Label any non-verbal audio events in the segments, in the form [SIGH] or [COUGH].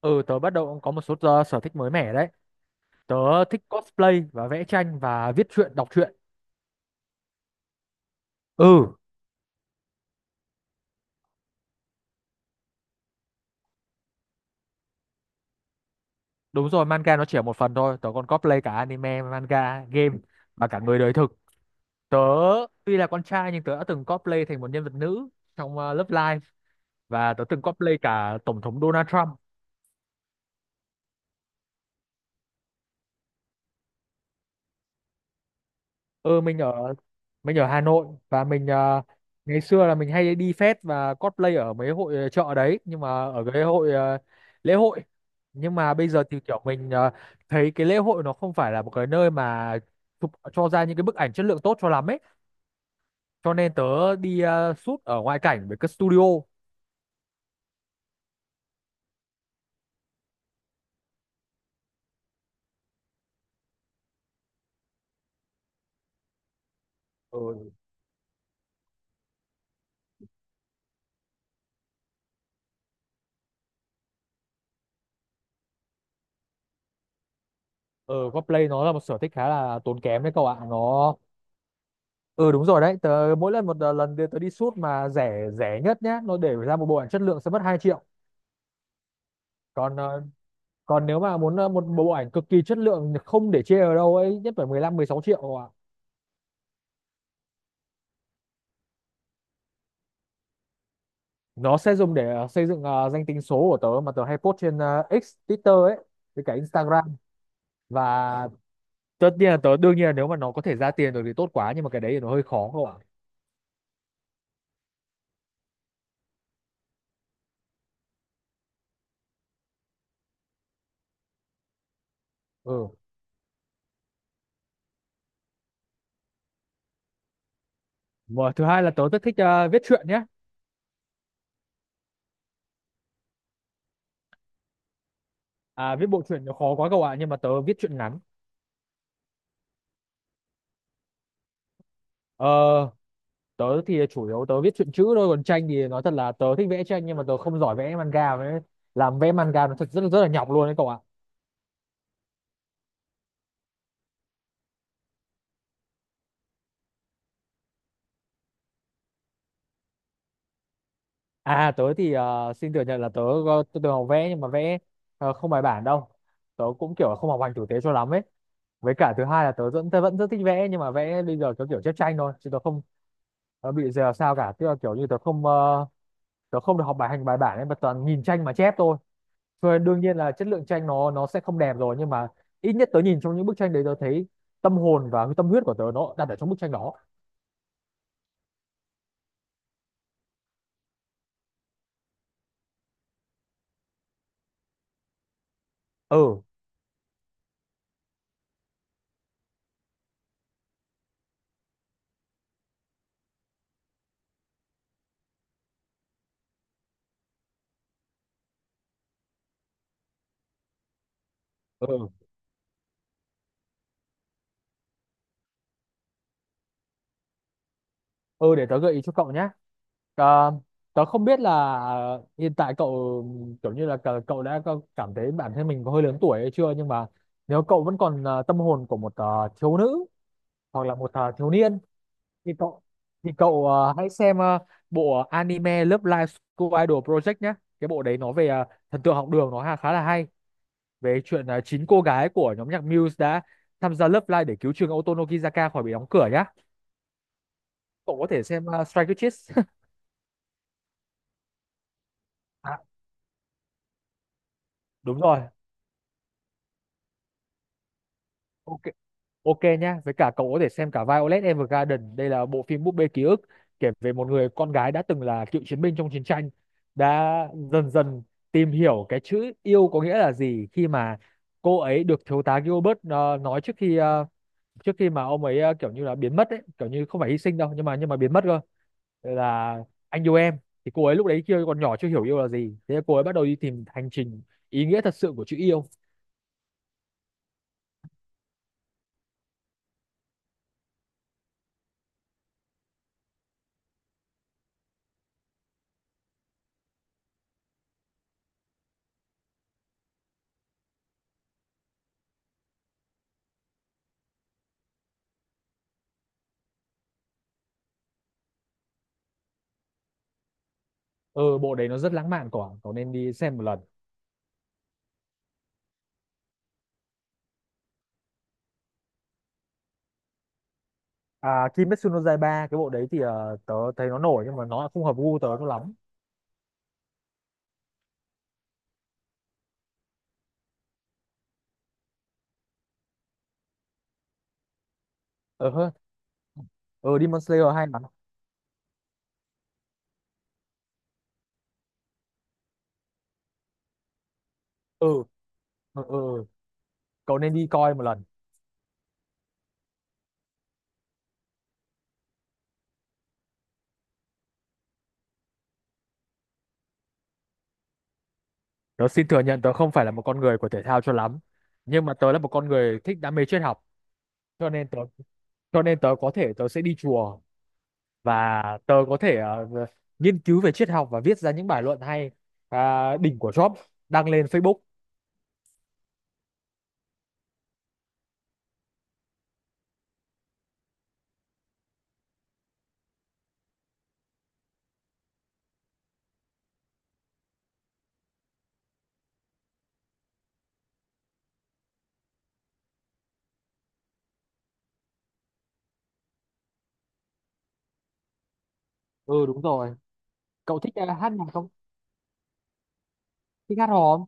Ừ, tớ bắt đầu cũng có một số sở thích mới mẻ đấy. Tớ thích cosplay và vẽ tranh và viết truyện, đọc truyện. Ừ, đúng rồi, manga nó chỉ là một phần thôi. Tớ còn cosplay cả anime, manga, game và cả người đời thực. Tớ tuy là con trai nhưng tớ đã từng cosplay thành một nhân vật nữ trong Love Live, và tớ từng cosplay cả Tổng thống Donald Trump. Ừ, mình ở Hà Nội, và mình ngày xưa là mình hay đi fest và cosplay ở mấy hội chợ đấy, nhưng mà ở cái hội lễ hội, nhưng mà bây giờ thì kiểu mình thấy cái lễ hội nó không phải là một cái nơi mà chụp cho ra những cái bức ảnh chất lượng tốt cho lắm ấy, cho nên tớ đi shoot ở ngoại cảnh với cái studio. Ở ở Cosplay nó là một sở thích khá là tốn kém đấy cậu ạ, nó ừ đúng rồi đấy. Tớ mỗi lần một ờ, lần đi- tớ đi shoot mà rẻ rẻ nhất nhá, nó để ra một bộ ảnh chất lượng sẽ mất 2 triệu. Còn còn nếu mà muốn một bộ ảnh cực kỳ chất lượng không để chê ở đâu ấy, nhất phải 15-16 triệu. Nó sẽ dùng để xây dựng danh tính số của tớ mà tớ hay post trên X, Twitter ấy, với cả Instagram. Và tất nhiên là tớ đương nhiên là nếu mà nó có thể ra tiền được thì tốt quá, nhưng mà cái đấy thì nó hơi khó cậu ạ. Ừ, mà thứ hai là tớ rất thích viết truyện nhé. À, viết bộ truyện nó khó quá cậu ạ, nhưng mà tớ viết truyện ngắn. Ờ, tớ thì chủ yếu tớ viết truyện chữ thôi, còn tranh thì nói thật là tớ thích vẽ tranh nhưng mà tớ không giỏi vẽ manga, với làm vẽ manga nó thật rất rất là nhọc luôn đấy cậu ạ. À, tớ thì xin thừa nhận là tớ từng học vẽ nhưng mà vẽ không bài bản đâu. Tớ cũng kiểu không học hành tử tế cho lắm ấy. Với cả thứ hai là tớ vẫn rất thích vẽ nhưng mà vẽ bây giờ tớ kiểu chép tranh thôi, chứ tớ không tớ bị giờ sao cả. Tức là kiểu như tớ không được học bài hành bài bản ấy, mà toàn nhìn tranh mà chép thôi. Rồi đương nhiên là chất lượng tranh nó sẽ không đẹp rồi, nhưng mà ít nhất tớ nhìn trong những bức tranh đấy tớ thấy tâm hồn và tâm huyết của tớ nó đặt ở trong bức tranh đó. Ừ, ừ, ừ. Để tớ gợi ý cho cậu nhé. Ờ, tớ không biết là hiện tại cậu kiểu như là cậu đã có cảm thấy bản thân mình có hơi lớn tuổi hay chưa, nhưng mà nếu cậu vẫn còn tâm hồn của một thiếu nữ hoặc là một thiếu niên thì cậu hãy xem bộ anime Love Live School Idol Project nhé. Cái bộ đấy nó về thần tượng học đường, nó khá là hay, về chuyện chín cô gái của nhóm nhạc Muse đã tham gia Love Live để cứu trường Oto khỏi bị đóng cửa nhá. Cậu có thể xem Strike Kids. [LAUGHS] À, đúng rồi. Ok, ok nhá, với cả cậu có thể xem cả Violet Evergarden. Đây là bộ phim búp bê ký ức, kể về một người con gái đã từng là cựu chiến binh trong chiến tranh, đã dần dần tìm hiểu cái chữ yêu có nghĩa là gì khi mà cô ấy được thiếu tá Gilbert nói trước khi mà ông ấy kiểu như là biến mất ấy, kiểu như không phải hy sinh đâu nhưng mà biến mất cơ, là anh yêu em. Thì cô ấy lúc đấy kia còn nhỏ chưa hiểu yêu là gì, thế là cô ấy bắt đầu đi tìm hành trình ý nghĩa thật sự của chữ yêu. Ừ, bộ đấy nó rất lãng mạn quả, cậu nên đi xem một lần. À, Kimetsu no Yaiba cái bộ đấy thì tớ thấy nó nổi nhưng mà nó không hợp gu tớ cho lắm. Ờ hơ, ờ Demon Slayer hay lắm. Ừ, ừ, ừ, ừ. Cậu nên đi coi một lần. Tớ xin thừa nhận tớ không phải là một con người của thể thao cho lắm, nhưng mà tớ là một con người thích đam mê triết học, cho nên tớ có thể tớ sẽ đi chùa, và tớ có thể nghiên cứu về triết học và viết ra những bài luận hay, à, đỉnh của Job, đăng lên Facebook. Ừ, đúng rồi. Cậu thích hát nhạc không? Thích hát hò.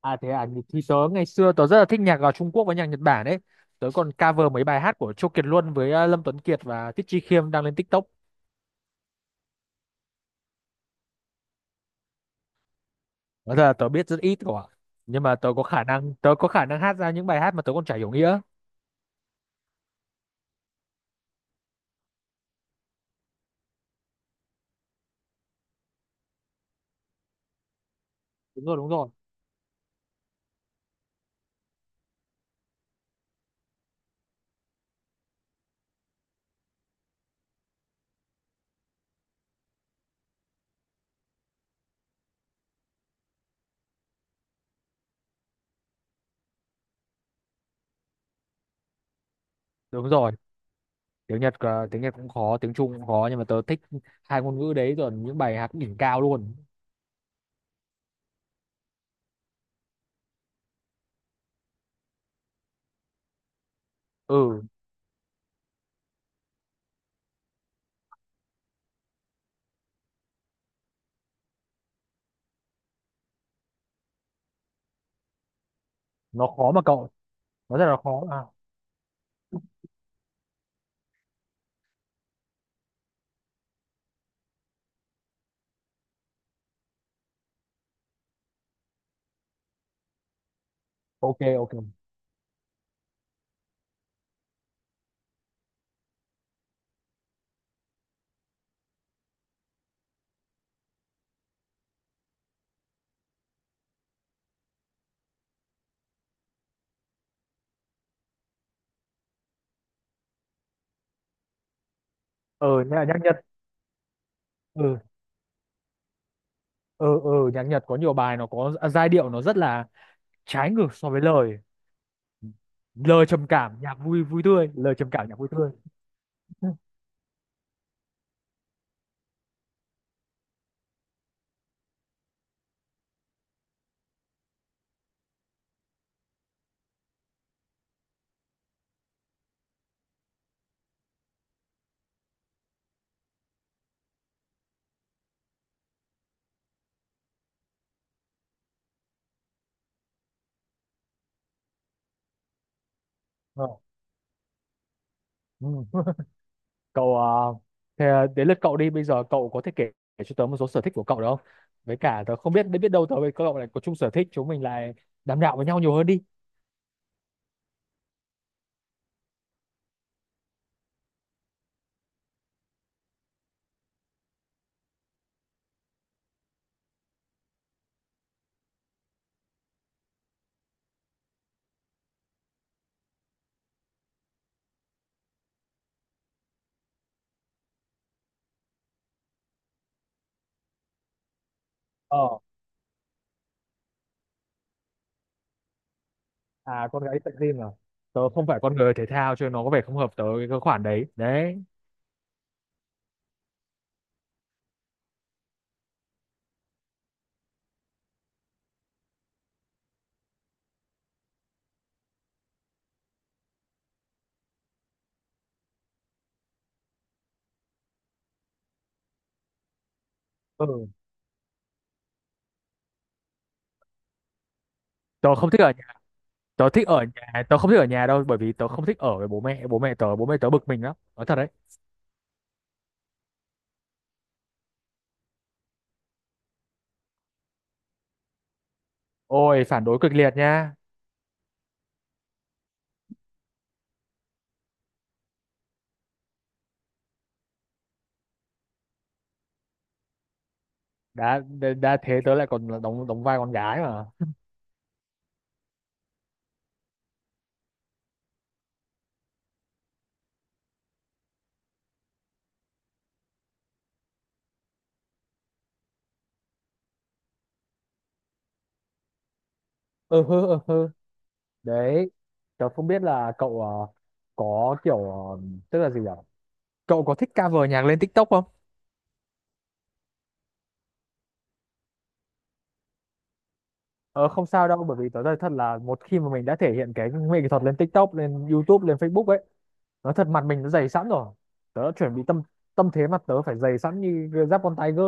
À thế à, thì tớ ngày xưa tớ rất là thích nhạc ở Trung Quốc với nhạc Nhật Bản ấy. Tớ còn cover mấy bài hát của Châu Kiệt Luân với Lâm Tuấn Kiệt và Tiết Chi Khiêm đang lên TikTok. Nói thật là tớ biết rất ít của, nhưng mà tớ có khả năng hát ra những bài hát mà tớ còn chả hiểu nghĩa. Đúng rồi, đúng rồi. Đúng rồi. Tiếng Nhật cũng khó, tiếng Trung cũng khó, nhưng mà tớ thích hai ngôn ngữ đấy, rồi những bài hát đỉnh cao luôn. Ừ, nó khó mà cậu. Nó rất là khó mà. Ok, ok. Ừ, nhạc nhạc Nhật. Ừ. Ừ, ừ, nhạc Nhật có nhiều bài nó có giai điệu nó rất là trái ngược so với lời. Lời trầm cảm nhạc vui, vui tươi, lời trầm cảm, nhạc vui tươi. [LAUGHS] Ờ. Ừ. Cậu à, thế à, đến lượt cậu đi, bây giờ cậu có thể kể, cho tớ một số sở thích của cậu được không, với cả tớ không biết, biết đâu tớ với cậu lại có chung sở thích, chúng mình lại đàm đạo với nhau nhiều hơn đi. ờ À, con gái đi tập gym à? Tớ không phải con người thể thao cho nên nó có vẻ không hợp tớ cái khoản đấy đấy. Ừ. Tớ không thích ở nhà. Tớ thích ở nhà. Tớ không thích ở nhà đâu, bởi vì tớ không thích ở với bố mẹ tớ bực mình lắm, nói thật đấy. Ôi phản đối cực liệt nha. Đã thế tớ lại còn đóng đóng vai con gái mà. Ừ hư, ừ hư. Đấy. Tớ không biết là cậu có kiểu tức là gì nhỉ? Cậu có thích cover nhạc lên TikTok không? Ờ, không sao đâu, bởi vì tớ nói thật là một khi mà mình đã thể hiện cái nghệ thuật lên TikTok, lên YouTube, lên Facebook ấy, nói thật mặt mình nó dày sẵn rồi. Tớ đã chuẩn bị tâm tâm thế, mặt tớ phải dày sẵn như giáp con tiger.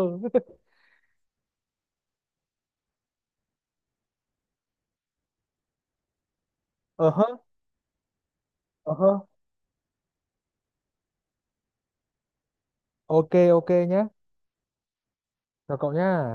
[LAUGHS] Ờ hơ, ờ hơ. Ok, ok nhé. Chào cậu nhá.